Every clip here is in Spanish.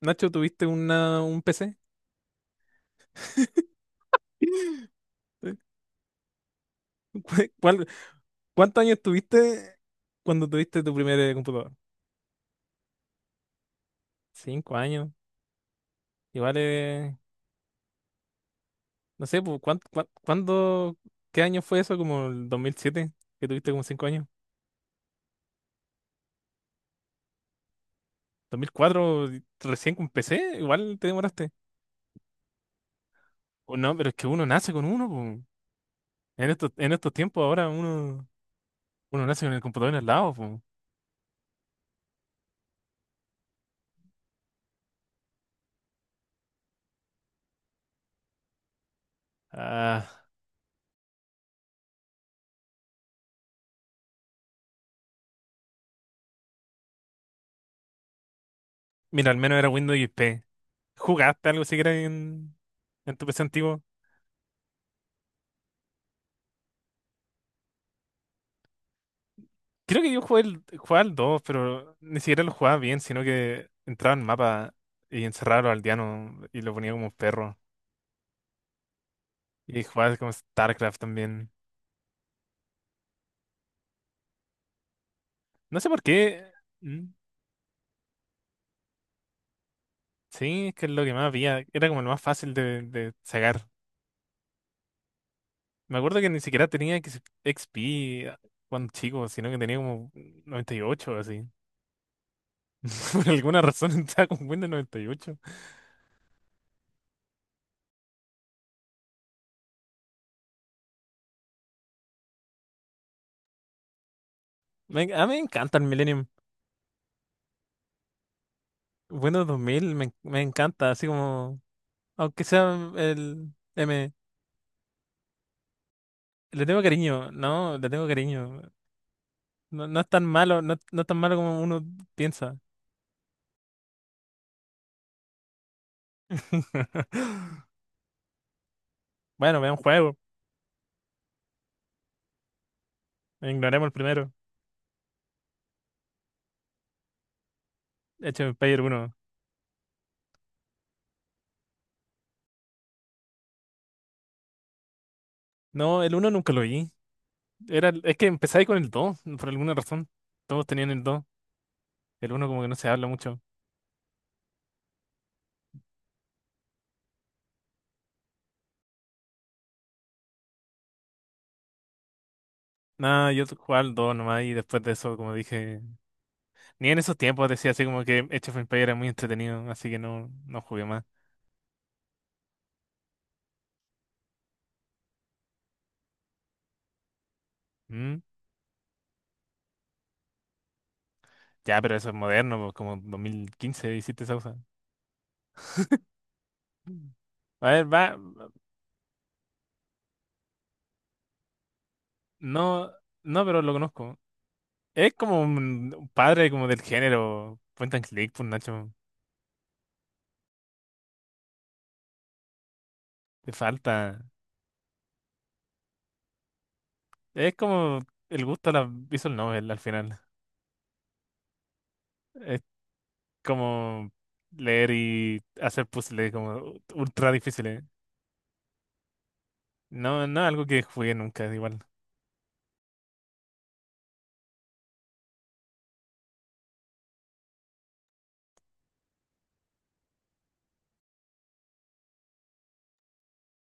Nacho, ¿tuviste un PC? ¿Cu- cuál- ¿Cuántos años tuviste cuando tuviste tu primer computador? Cinco años. Igual, no sé, pues, ¿ cuándo, qué año fue eso? ¿Como el dos mil siete? ¿Que tuviste como cinco años? Dos mil cuatro recién con PC. Igual te demoraste. O no, pero es que uno nace con uno, pues. En estos tiempos ahora uno, uno nace con el computador en el lado, pues. Ah, mira, al menos era Windows XP. ¿Jugaste algo siquiera en tu PC antiguo? Creo que yo jugué, el, jugaba al 2, pero ni siquiera lo jugaba bien, sino que entraba en mapa y encerraba a los aldeanos y lo ponía como perro. Y jugaba como StarCraft también. No sé por qué. mm, Sí, es que es lo que más había. Era como lo más fácil de sacar. Me acuerdo que ni siquiera tenía XP cuando chico, sino que tenía como 98 o así. Por alguna razón estaba con Windows 98. A mí me encanta el Millennium. Windows 2000 me, me encanta, así como. Aunque sea el M, le tengo cariño, no, le tengo cariño. No, no es tan malo, no, no es tan malo como uno piensa. Bueno, vean un juego. Ignoremos el primero. Age of Empires uno. No, el uno nunca lo vi. Es que empecé ahí con el dos, por alguna razón. Todos tenían el 2. El uno como que no se habla mucho. Nada, yo jugaba al 2 nomás y después de eso, como dije, ni en esos tiempos decía así como que Age of Empires era muy entretenido, así que no, no jugué más. ¿Mm? Ya, pero eso es moderno, pues, como 2015 hiciste esa cosa. Mm. A ver, va. No, no, pero lo conozco. Es como un padre como del género. Point and click, pues, Nacho. Te falta. Es como el gusto a la visual novel al final. Es como leer y hacer puzzles como ultra difíciles. No, no es algo que jugué nunca, es igual.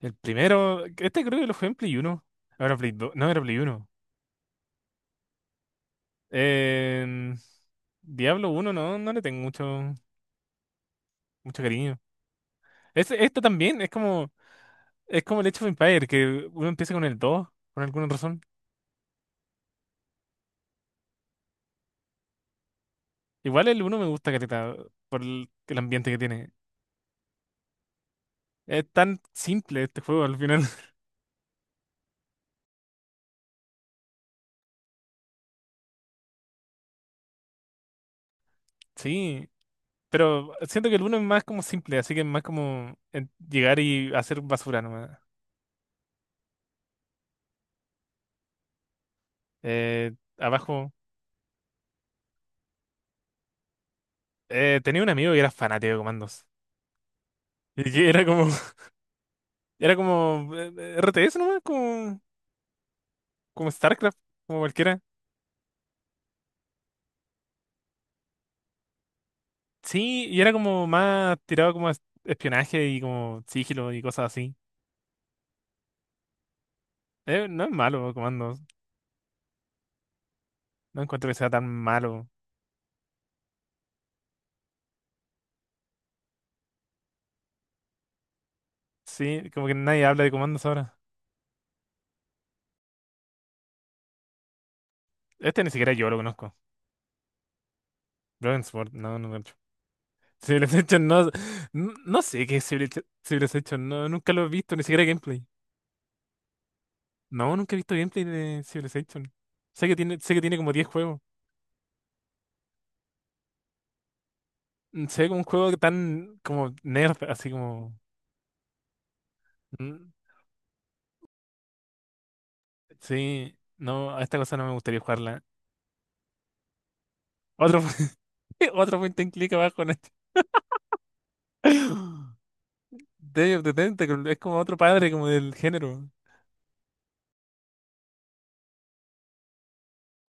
El primero, este creo que lo jugué en Play Uno. Ahora Play Dos. No, era Play Uno. Eh, Diablo uno no, no le tengo mucho cariño. Esto también es como el Age of Empires, que uno empieza con el 2 por alguna razón. Igual el uno me gusta, careta, por el ambiente que tiene. Es tan simple este juego al final. Sí, pero siento que el uno es más como simple, así que es más como llegar y hacer basura nomás. Eh, abajo, Tenía un amigo que era fanático de comandos. Y que era como, era como RTS nomás, como... como StarCraft, como cualquiera. Sí, y era como más tirado como a espionaje y como sigilo y cosas así. No es malo Comandos, no encuentro que sea tan malo. Sí, como que nadie habla de Comandos ahora. Este ni siquiera yo lo conozco. Brokensport, no, no lo he hecho. Civilization no, no, no sé qué es Civilization, no, nunca lo he visto, ni siquiera gameplay. No, nunca he visto gameplay de Civilization. Sé que tiene como 10 juegos. Se ve como un juego tan como nerd, así como... mm, Sí, no, a esta cosa no me gustaría jugarla. Otro, otro point and click abajo en este. Day of the Tentacle, es como otro padre como del género.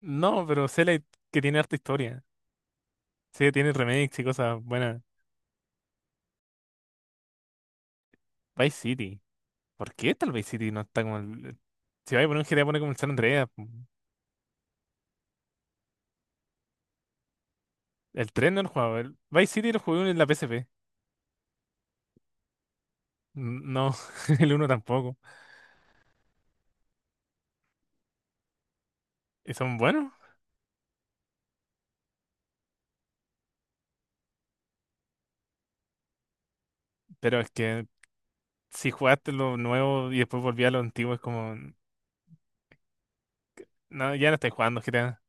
No, pero Cellite que tiene harta historia. Sí, que tiene remakes y cosas buenas. Vice City. ¿Por qué tal Vice City no está como el... Si vais a poner un GTA, pone como el San Andreas. El 3 no lo jugaba. El Vice City lo jugué en la PSP. No, el uno tampoco. Y son buenos, pero es que si jugaste lo nuevo y después volví a lo antiguo, es como... No, ya no estáis jugando GTA.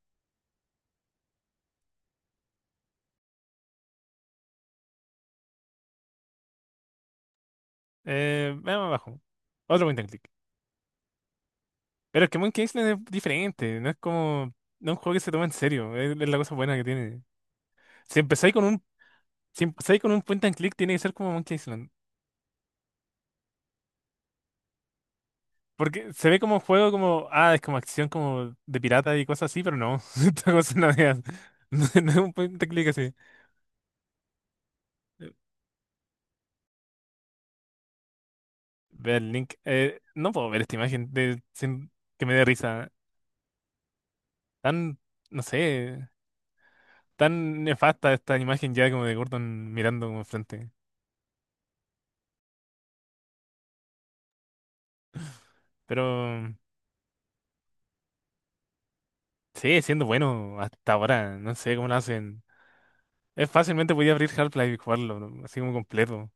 Veamos abajo. Otro point and click. Pero es que Monkey Island es diferente. No es como. No es un juego que se toma en serio. Es la cosa buena que tiene. Si empezáis con un. Si empezáis con un point and click, tiene que ser como Monkey Island. Porque se ve como juego como. Ah, es como acción como de pirata y cosas así, pero no. Esta cosa no es. No, es no es un point and click así. Ve el link. No puedo ver esta imagen de, sin que me dé risa. Tan. No sé. Tan nefasta esta imagen ya como de Gordon mirando como enfrente. Pero. Sigue siendo bueno hasta ahora. No sé cómo lo hacen. Es fácilmente podía abrir Half-Life y jugarlo, ¿no? Así como completo.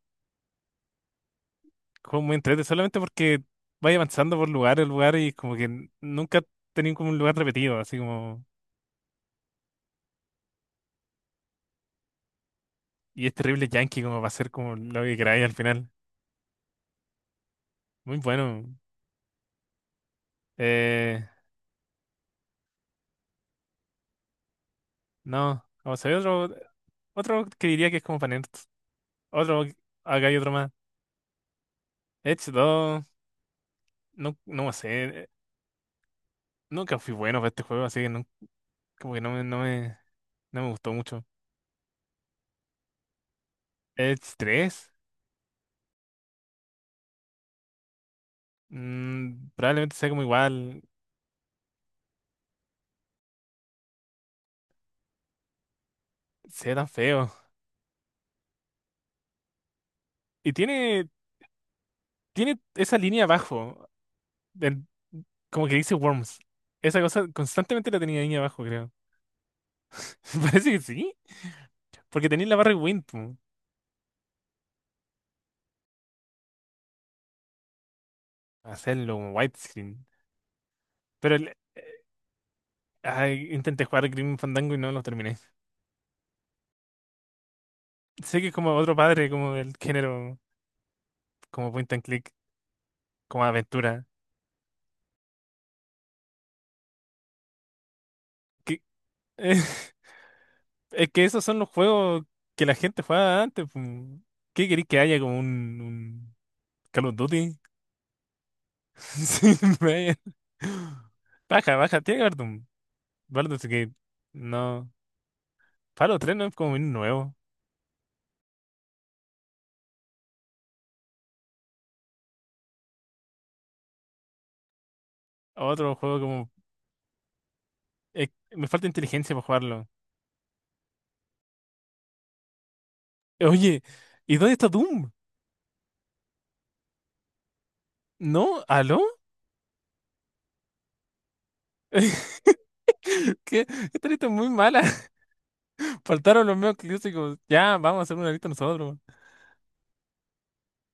Juego muy entrete solamente porque vaya avanzando por lugar en lugar y como que nunca tenía como un lugar repetido, así como. Y es terrible Yankee como va a ser como lo que queráis al final. Muy bueno. Eh, no, vamos a ver otro, otro que diría que es como para nerds. Otro, acá hay otro más. Edge 2, no, no sé. Nunca fui bueno para este juego, así que no, como que no me, no me, no me gustó mucho. Edge 3, probablemente sea como igual, sea tan feo. Y tiene, tiene esa línea abajo, del- como que dice Worms. Esa cosa constantemente la tenía ahí abajo, creo. Parece que sí, porque tenía la barra de Wind, po. Hacerlo como widescreen. Pero el- Ay, intenté jugar Grim Fandango y no lo terminé. Sé que es como otro padre, como del género, como point and click, como aventura. Que. Es que esos son los juegos que la gente jugaba antes, pues. ¿Qué queréis que haya como un Call of Duty? Sí, vaya. Baja, baja, tiene que haber un Baldur's Gate. No. Fallout 3 no es como un nuevo. Otro juego como. eh, Me falta inteligencia para jugarlo. Oye, ¿y dónde está Doom? ¿No? ¿Aló? ¿Qué? Esta lista es muy mala. Faltaron los medios clásicos. Ya, vamos a hacer una lista nosotros.